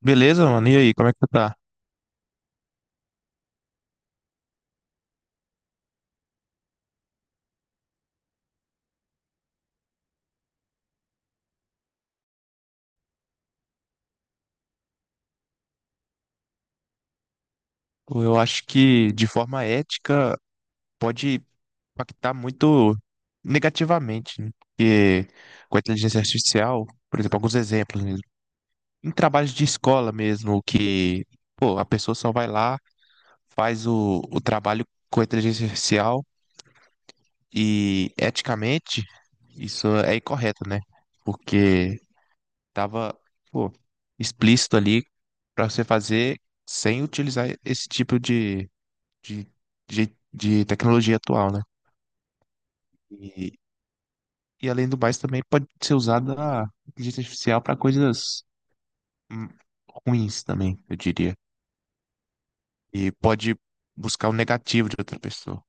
Beleza, mano? E aí, como é que tu tá? Pô, eu acho que de forma ética pode impactar muito negativamente, né? Porque com a inteligência artificial, por exemplo, alguns exemplos mesmo. Em trabalhos de escola mesmo, que pô, a pessoa só vai lá, faz o trabalho com a inteligência artificial e eticamente isso é incorreto, né? Porque tava, pô, explícito ali para você fazer sem utilizar esse tipo de, de tecnologia atual, né? E, e além do mais, também pode ser usada a inteligência artificial para coisas hum, ruins também, eu diria. E pode buscar o negativo de outra pessoa.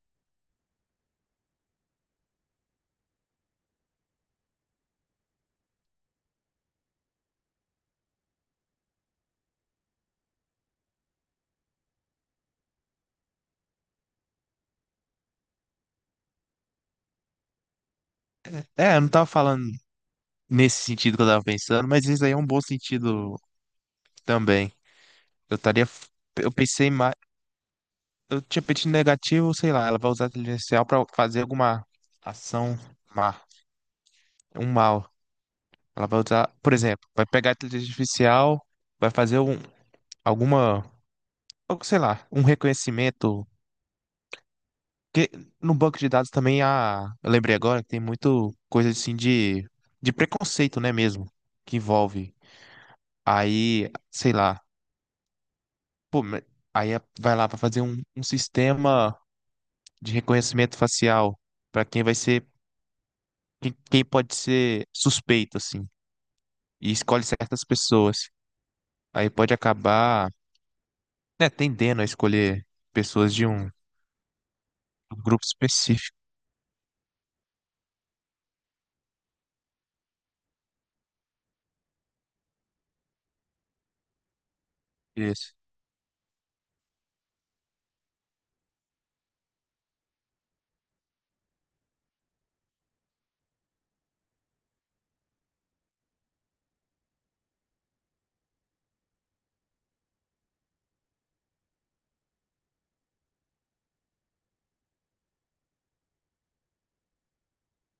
É, eu não tava falando nesse sentido que eu tava pensando, mas isso aí é um bom sentido também. Eu estaria, eu pensei mais, eu tinha pensado negativo, sei lá, ela vai usar a inteligência artificial para fazer alguma ação má, um mal. Ela vai usar, por exemplo, vai pegar a inteligência artificial, vai fazer alguma, algo, sei lá, um reconhecimento. Porque no banco de dados também há, eu lembrei agora que tem muito coisa assim de preconceito, né, mesmo, que envolve. Aí, sei lá, pô, vai lá para fazer um sistema de reconhecimento facial para quem vai ser, quem pode ser suspeito, assim, e escolhe certas pessoas. Aí pode acabar, né, tendendo a escolher pessoas de um, um grupo específico. Isso.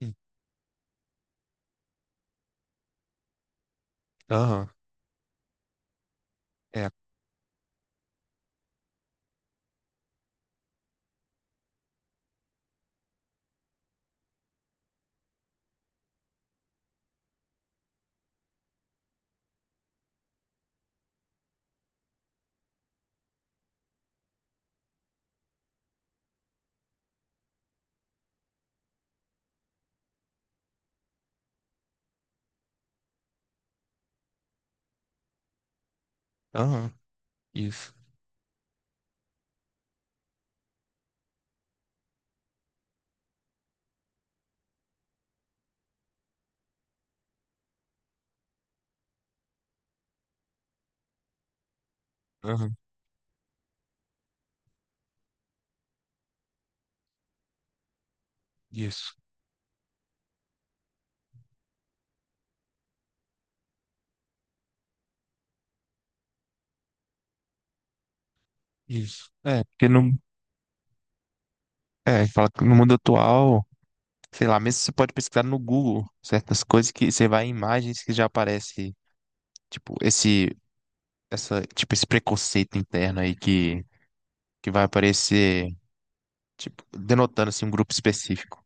Hum. Aham. É. Aham. Isso. Aham. Isso. Isso. É, porque no, é, fala que no mundo atual, sei lá, mesmo você pode pesquisar no Google certas coisas que você vai em imagens que já aparece, tipo, esse, tipo, esse preconceito interno aí que vai aparecer, tipo, denotando assim um grupo específico.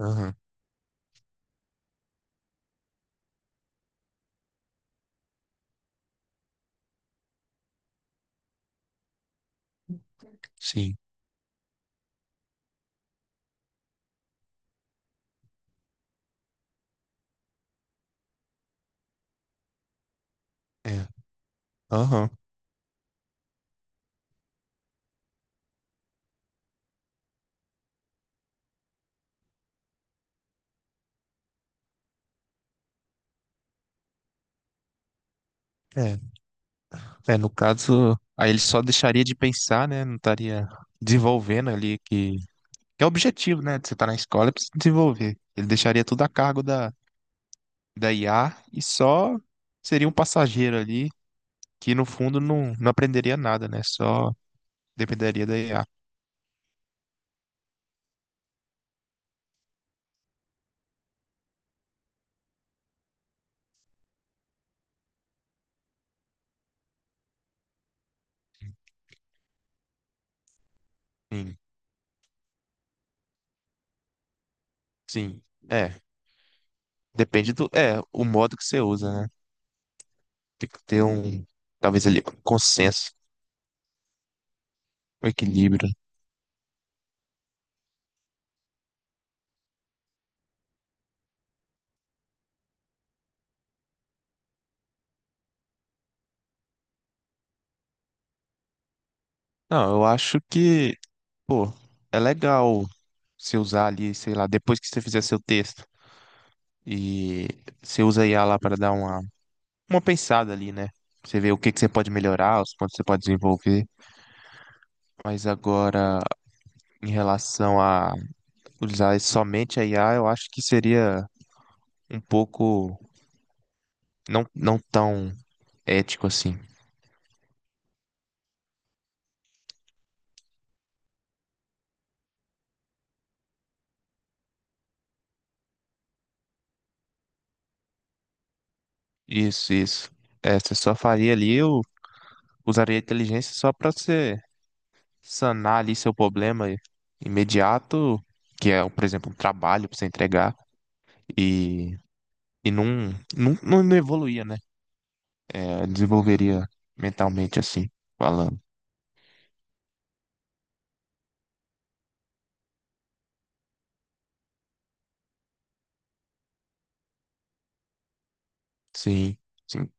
Aham. Sim. É. Aham. É. É, no caso, aí ele só deixaria de pensar, né? Não estaria desenvolvendo ali que é o objetivo, né? De você estar na escola é pra se desenvolver. Ele deixaria tudo a cargo da IA e só seria um passageiro ali que no fundo não aprenderia nada, né? Só dependeria da IA. Sim, sim. É, depende é, o modo que você usa, né? Tem que ter um, talvez ali, um consenso, um equilíbrio. Não, eu acho que, pô, é legal você usar ali, sei lá, depois que você fizer seu texto e você usa a IA lá para dar uma pensada ali, né? Você vê o que que você pode melhorar, os pontos que você pode desenvolver. Mas agora em relação a usar somente a IA, eu acho que seria um pouco não tão ético assim. Isso, isso. É, você só faria ali, eu usaria a inteligência só para você sanar ali seu problema imediato, que é, por exemplo, um trabalho para você entregar e, e não evoluía, né? É, desenvolveria mentalmente assim, falando. Sim, sim.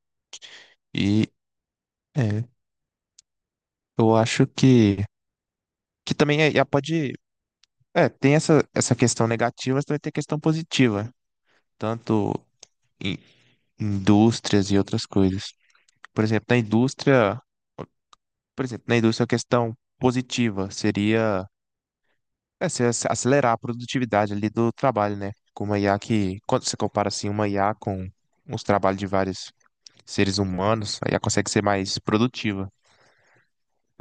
E é, eu acho que também é, já pode. É, tem essa questão negativa, mas também tem questão positiva, tanto em indústrias e outras coisas. Por exemplo, na indústria, por exemplo, na indústria a questão positiva seria é, se ac- acelerar a produtividade ali do trabalho, né? Com uma IA que, quando você compara assim, uma IA com os trabalhos de vários seres humanos, a IA consegue ser mais produtiva,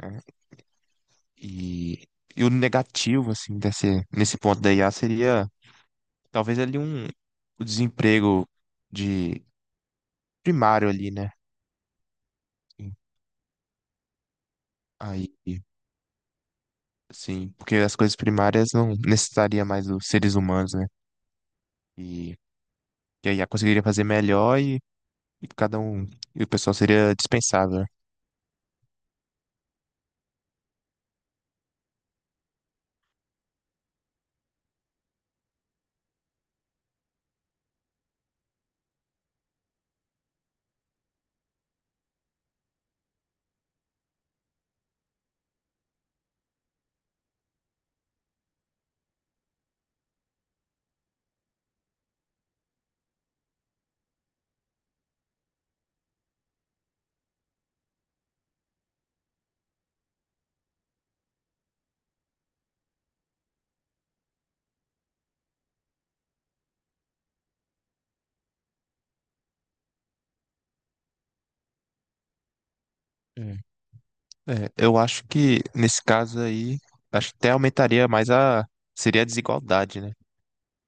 né? E, e o negativo, assim, desse, nesse ponto da IA seria talvez ali um, o desemprego de primário ali, né? Aí, sim, porque as coisas primárias não necessitaria mais dos seres humanos, né? E, e aí a I A conseguiria fazer melhor e cada um, e o pessoal seria dispensável, né? É. É, eu acho que nesse caso aí, acho que até aumentaria mais a, seria a desigualdade, né?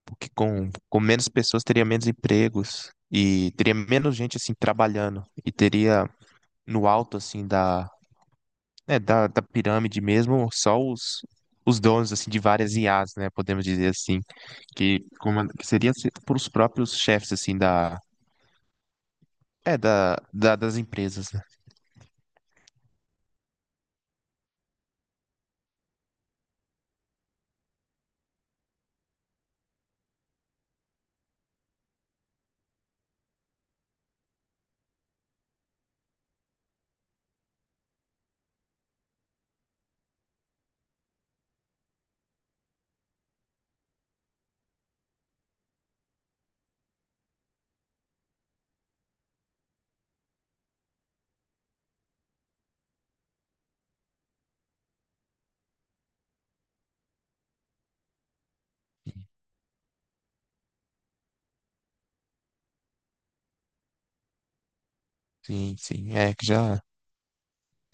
Porque com menos pessoas teria menos empregos e teria menos gente assim trabalhando e teria no alto assim da, né, da pirâmide mesmo só os donos assim de várias IAs, né, podemos dizer assim, que seria por os próprios chefes assim da é da das empresas, né? Sim, sim, é que já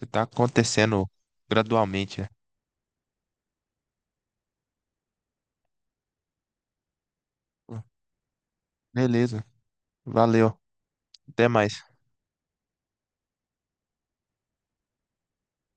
está acontecendo gradualmente, né? Beleza. Valeu, até mais.